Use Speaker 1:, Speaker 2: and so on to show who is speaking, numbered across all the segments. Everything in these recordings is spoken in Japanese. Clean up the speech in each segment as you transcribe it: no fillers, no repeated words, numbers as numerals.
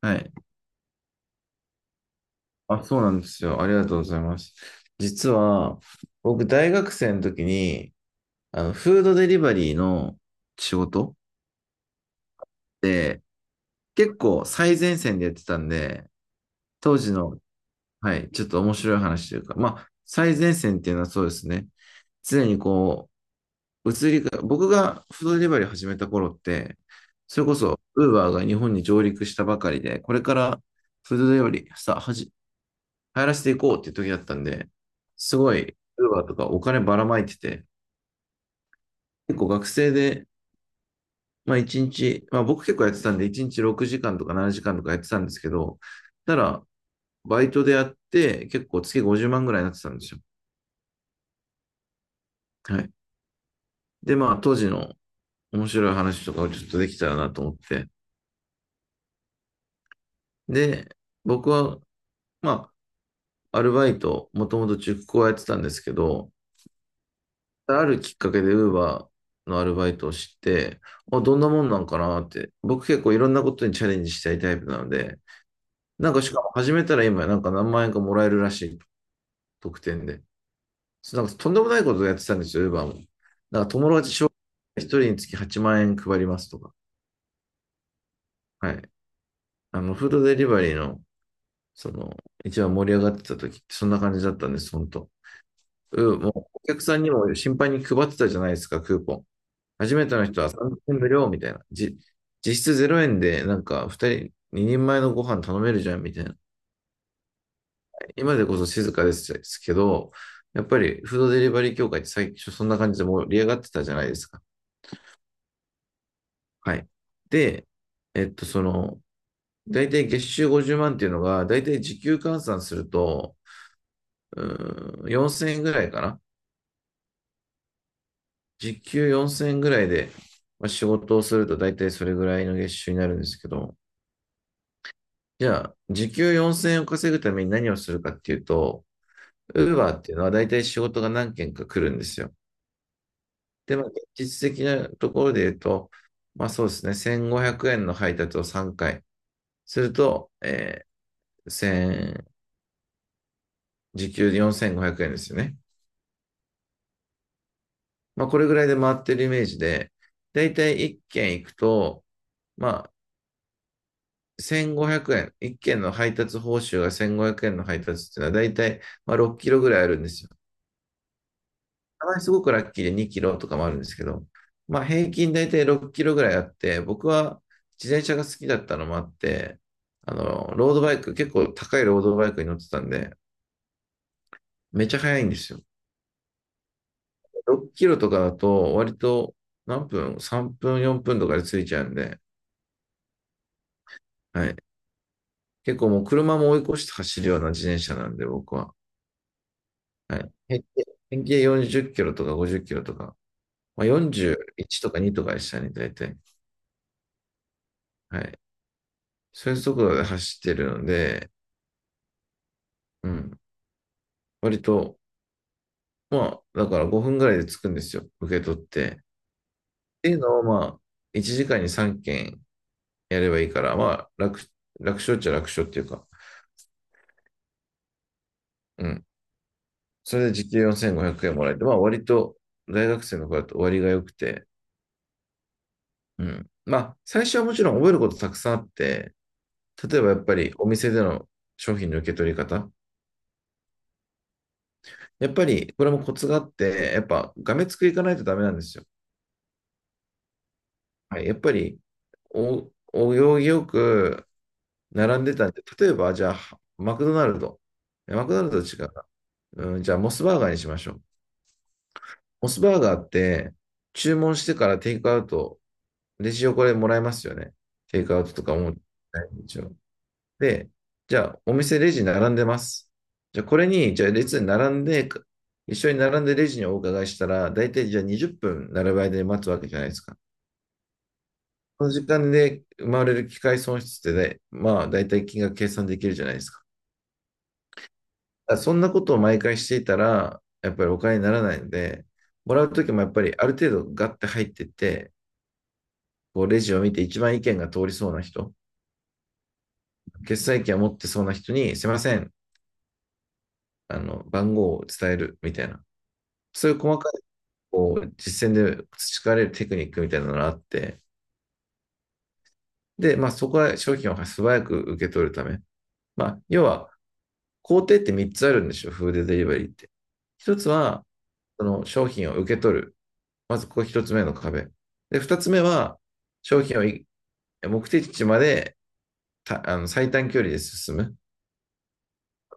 Speaker 1: はい。あ、そうなんですよ。ありがとうございます。実は、僕、大学生の時に、フードデリバリーの仕事で、結構最前線でやってたんで、当時の、はい、ちょっと面白い話というか、まあ、最前線っていうのはそうですね。常にこう、移りが、僕がフードデリバリーを始めた頃って、それこそ、ウーバーが日本に上陸したばかりで、これからフードデリバリーさ、はじ流行らせていこうっていう時だったんで、すごい、ウーバーとかお金ばらまいてて、結構学生で、まあ一日、まあ僕結構やってたんで、一日6時間とか7時間とかやってたんですけど、ただ、バイトでやって、結構月50万ぐらいになってたんですよ。はい。で、まあ当時の面白い話とかをちょっとできたらなと思って。で、僕は、まアルバイト、もともと塾講やってたんですけど、あるきっかけで Uber のアルバイトを知って、あ、どんなもんなんかなって、僕結構いろんなことにチャレンジしたいタイプなので、なんかしかも始めたら今なんか何万円かもらえるらしい、特典で。なんかとんでもないことをやってたんですよ、Uber も。なんか友達紹介1人につき8万円配りますとか。はい。フードデリバリーの、その、一番盛り上がってた時ってそんな感じだったんです、本当。うん、もうお客さんにも心配に配ってたじゃないですか、クーポン。初めての人は3000円無料みたいな。実質0円でなんか2人前のご飯頼めるじゃんみたいな。今でこそ静かですけど、やっぱりフードデリバリー協会って最初そんな感じで盛り上がってたじゃないですか。はい。で、えっと、その、大体月収50万っていうのが、大体時給換算すると、4000円ぐらいかな。時給4000円ぐらいで、まあ、仕事をすると大体それぐらいの月収になるんですけど、じゃあ、時給4000円を稼ぐために何をするかっていうと、ウーバーっていうのは大体仕事が何件か来るんですよ。で、まあ、実質的なところで言うと、まあそうですね、1500円の配達を3回すると、えー、1000時給4500円ですよね。まあこれぐらいで回ってるイメージで、大体1件行くと、まあ1500円、1件の配達報酬が1500円の配達っていうのは大体まあ6キロぐらいあるんですよ。たまにすごくラッキーで2キロとかもあるんですけど、まあ平均大体6キロぐらいあって、僕は自転車が好きだったのもあって、ロードバイク、結構高いロードバイクに乗ってたんで、めっちゃ速いんですよ。6キロとかだと割と何分？ 3 分、4分とかで着いちゃうんで、はい。結構もう車も追い越して走るような自転車なんで、僕は。はい。平均40キロとか50キロとか、まあ、41とか2とかでしたね、大体。はい。そういう速度で走ってるので、うん。割と、まあ、だから5分ぐらいで着くんですよ。受け取って。っていうのを、まあ、1時間に3件やればいいから、まあ、楽勝っちゃ楽勝っていうか、うん。それで時給4500円もらえて、まあ、割と、大学生の子だと割が良くて、うん。まあ、最初はもちろん覚えることたくさんあって、例えばやっぱりお店での商品の受け取り方。やっぱり、これもコツがあって、やっぱ、がめつくいかないとダメなんですよ。はい。やっぱり、お行儀よく、並んでたんで、例えば、じゃあ、マクドナルド。いやマクドナルドと違うな。うん、じゃあ、モスバーガーにしましょう。モスバーガーって、注文してからテイクアウト、レジ横でもらえますよね。テイクアウトとかも。一応で、じゃあ、お店レジ並んでます。じゃあ、列に並んで、一緒に並んでレジにお伺いしたら、大体じゃあ20分並ぶ間に待つわけじゃないですか。この時間で生まれる機会損失ってね、まあ、大体金額計算できるじゃないですか。あそんなことを毎回していたら、やっぱりお金にならないので、もらうときもやっぱりある程度ガッて入ってって、こうレジを見て一番意見が通りそうな人、決済権を持ってそうな人に、すいません、番号を伝えるみたいな。そういう細かい、実践で培われるテクニックみたいなのがあって、で、まあそこは商品を素早く受け取るため。まあ、要は、工程って3つあるんですよ、フードデリバリーって。1つは、その商品を受け取る。まずここ一つ目の壁。で、二つ目は、商品を目的地までたあの最短距離で進む。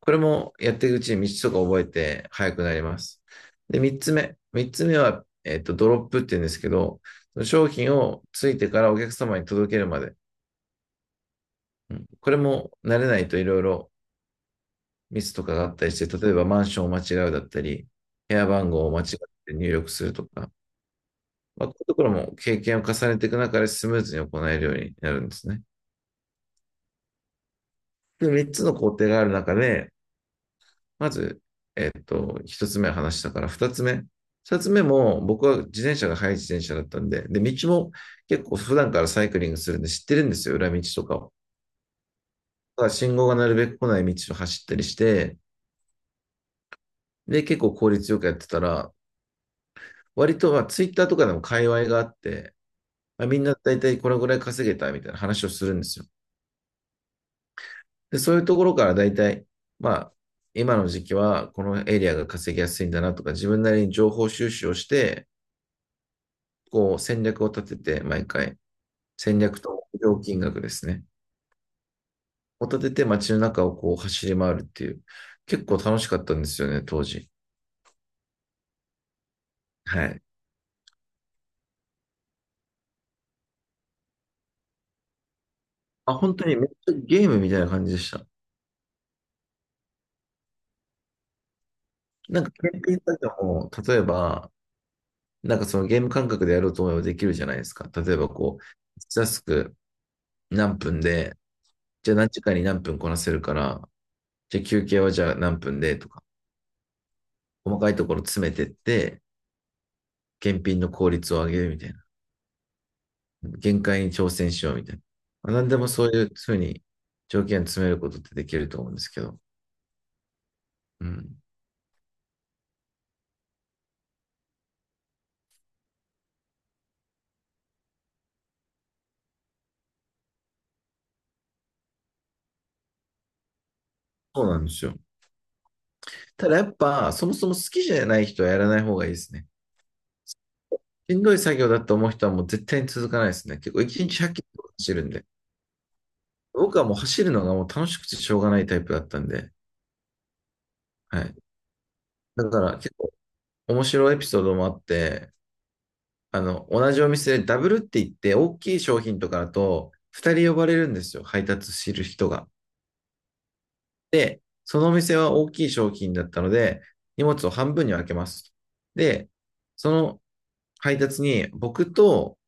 Speaker 1: これもやっていくうちに道とか覚えて速くなります。で、三つ目。三つ目は、えっと、ドロップって言うんですけど、商品をついてからお客様に届けるまで。うん、これも慣れないといろいろミスとかがあったりして、例えばマンションを間違うだったり、部屋番号を間違って入力するとか、まあ、こういうところも経験を重ねていく中でスムーズに行えるようになるんですね。で、3つの工程がある中で、まず、えっと、1つ目話したから、2つ目。2つ目も、僕は自転車が速い自転車だったんで、で、道も結構普段からサイクリングするんで知ってるんですよ、裏道とかを。だから信号がなるべく来ない道を走ったりして、で、結構効率よくやってたら、割と、まあ、ツイッターとかでも界隈があって、まあ、みんな大体これぐらい稼げたみたいな話をするんですよ。で、そういうところからだいたいまあ、今の時期はこのエリアが稼ぎやすいんだなとか、自分なりに情報収集をして、こう戦略を立てて、毎回、戦略と料金額ですね。を立てて街の中をこう走り回るっていう、結構楽しかったんですよね、当時。はい。あ、本当にめっちゃゲームみたいな感じでした。なんか、検定作業も、例えば、なんかそのゲーム感覚でやろうと思えばできるじゃないですか。例えばこう、タスク何分で、じゃあ何時間に何分こなせるから、じゃあ休憩はじゃあ何分でとか、細かいところ詰めてって、検品の効率を上げるみたいな。限界に挑戦しようみたいな。まあ、何でもそういうふうに条件詰めることってできると思うんですけど。うん。そうなんですよ。ただやっぱ、そもそも好きじゃない人はやらない方がいいですね。しんどい作業だと思う人はもう絶対に続かないですね。結構1日100キロ走るんで。僕はもう走るのがもう楽しくてしょうがないタイプだったんで。はい。だから結構面白いエピソードもあって、同じお店でダブルって言って、大きい商品とかだと、二人呼ばれるんですよ、配達する人が。で、そのお店は大きい商品だったので、荷物を半分に分けます。で、その配達に僕と、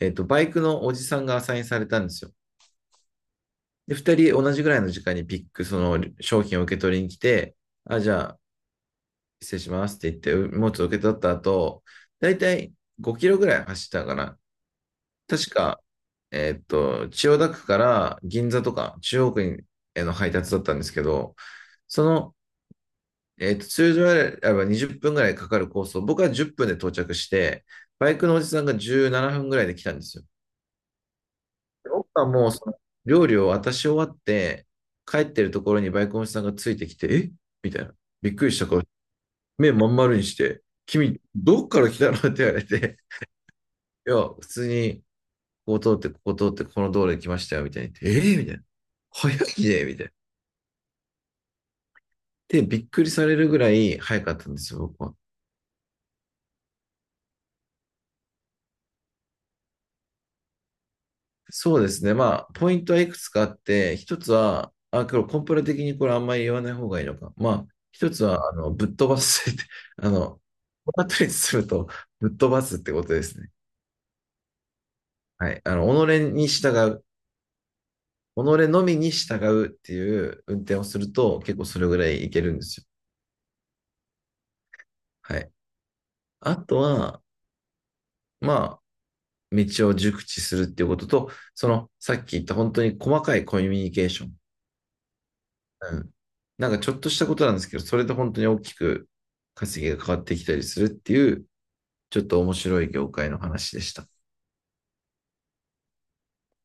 Speaker 1: えっと、バイクのおじさんがアサインされたんですよ。で、二人同じぐらいの時間にピック、その商品を受け取りに来て、あ、じゃあ、失礼しますって言って、荷物を受け取った後、だいたい5キロぐらい走ったかな。確かえーっと、千代田区から銀座とか中央区への配達だったんですけど、その、通常であれば20分ぐらいかかるコースを僕は10分で到着して、バイクのおじさんが17分ぐらいで来たんですよ。で僕はもうその料理を渡し終わって、帰ってるところにバイクのおじさんがついてきて、えみたいな。びっくりした顔、目まん丸にして、君、どっから来たのって言われて、いや、普通にここ通って、ここ通って、この道路に来ましたよ、みたいに言って。ええーみたいな。早いねみたいな。で、びっくりされるぐらい早かったんですよ、僕は。そうですね。まあ、ポイントはいくつかあって、一つは、あ、これコンプラ的にこれあんまり言わない方がいいのか。まあ、一つは、ぶっ飛ばすって、あの、このっりすると、ぶっ飛ばすってことですね。はい。あの、己に従う。己のみに従うっていう運転をすると、結構それぐらいいけるんですよ。はい。あとは、まあ、道を熟知するっていうことと、そのさっき言った本当に細かいコミュニケーション。うん。なんかちょっとしたことなんですけど、それで本当に大きく稼ぎが変わってきたりするっていう、ちょっと面白い業界の話でした。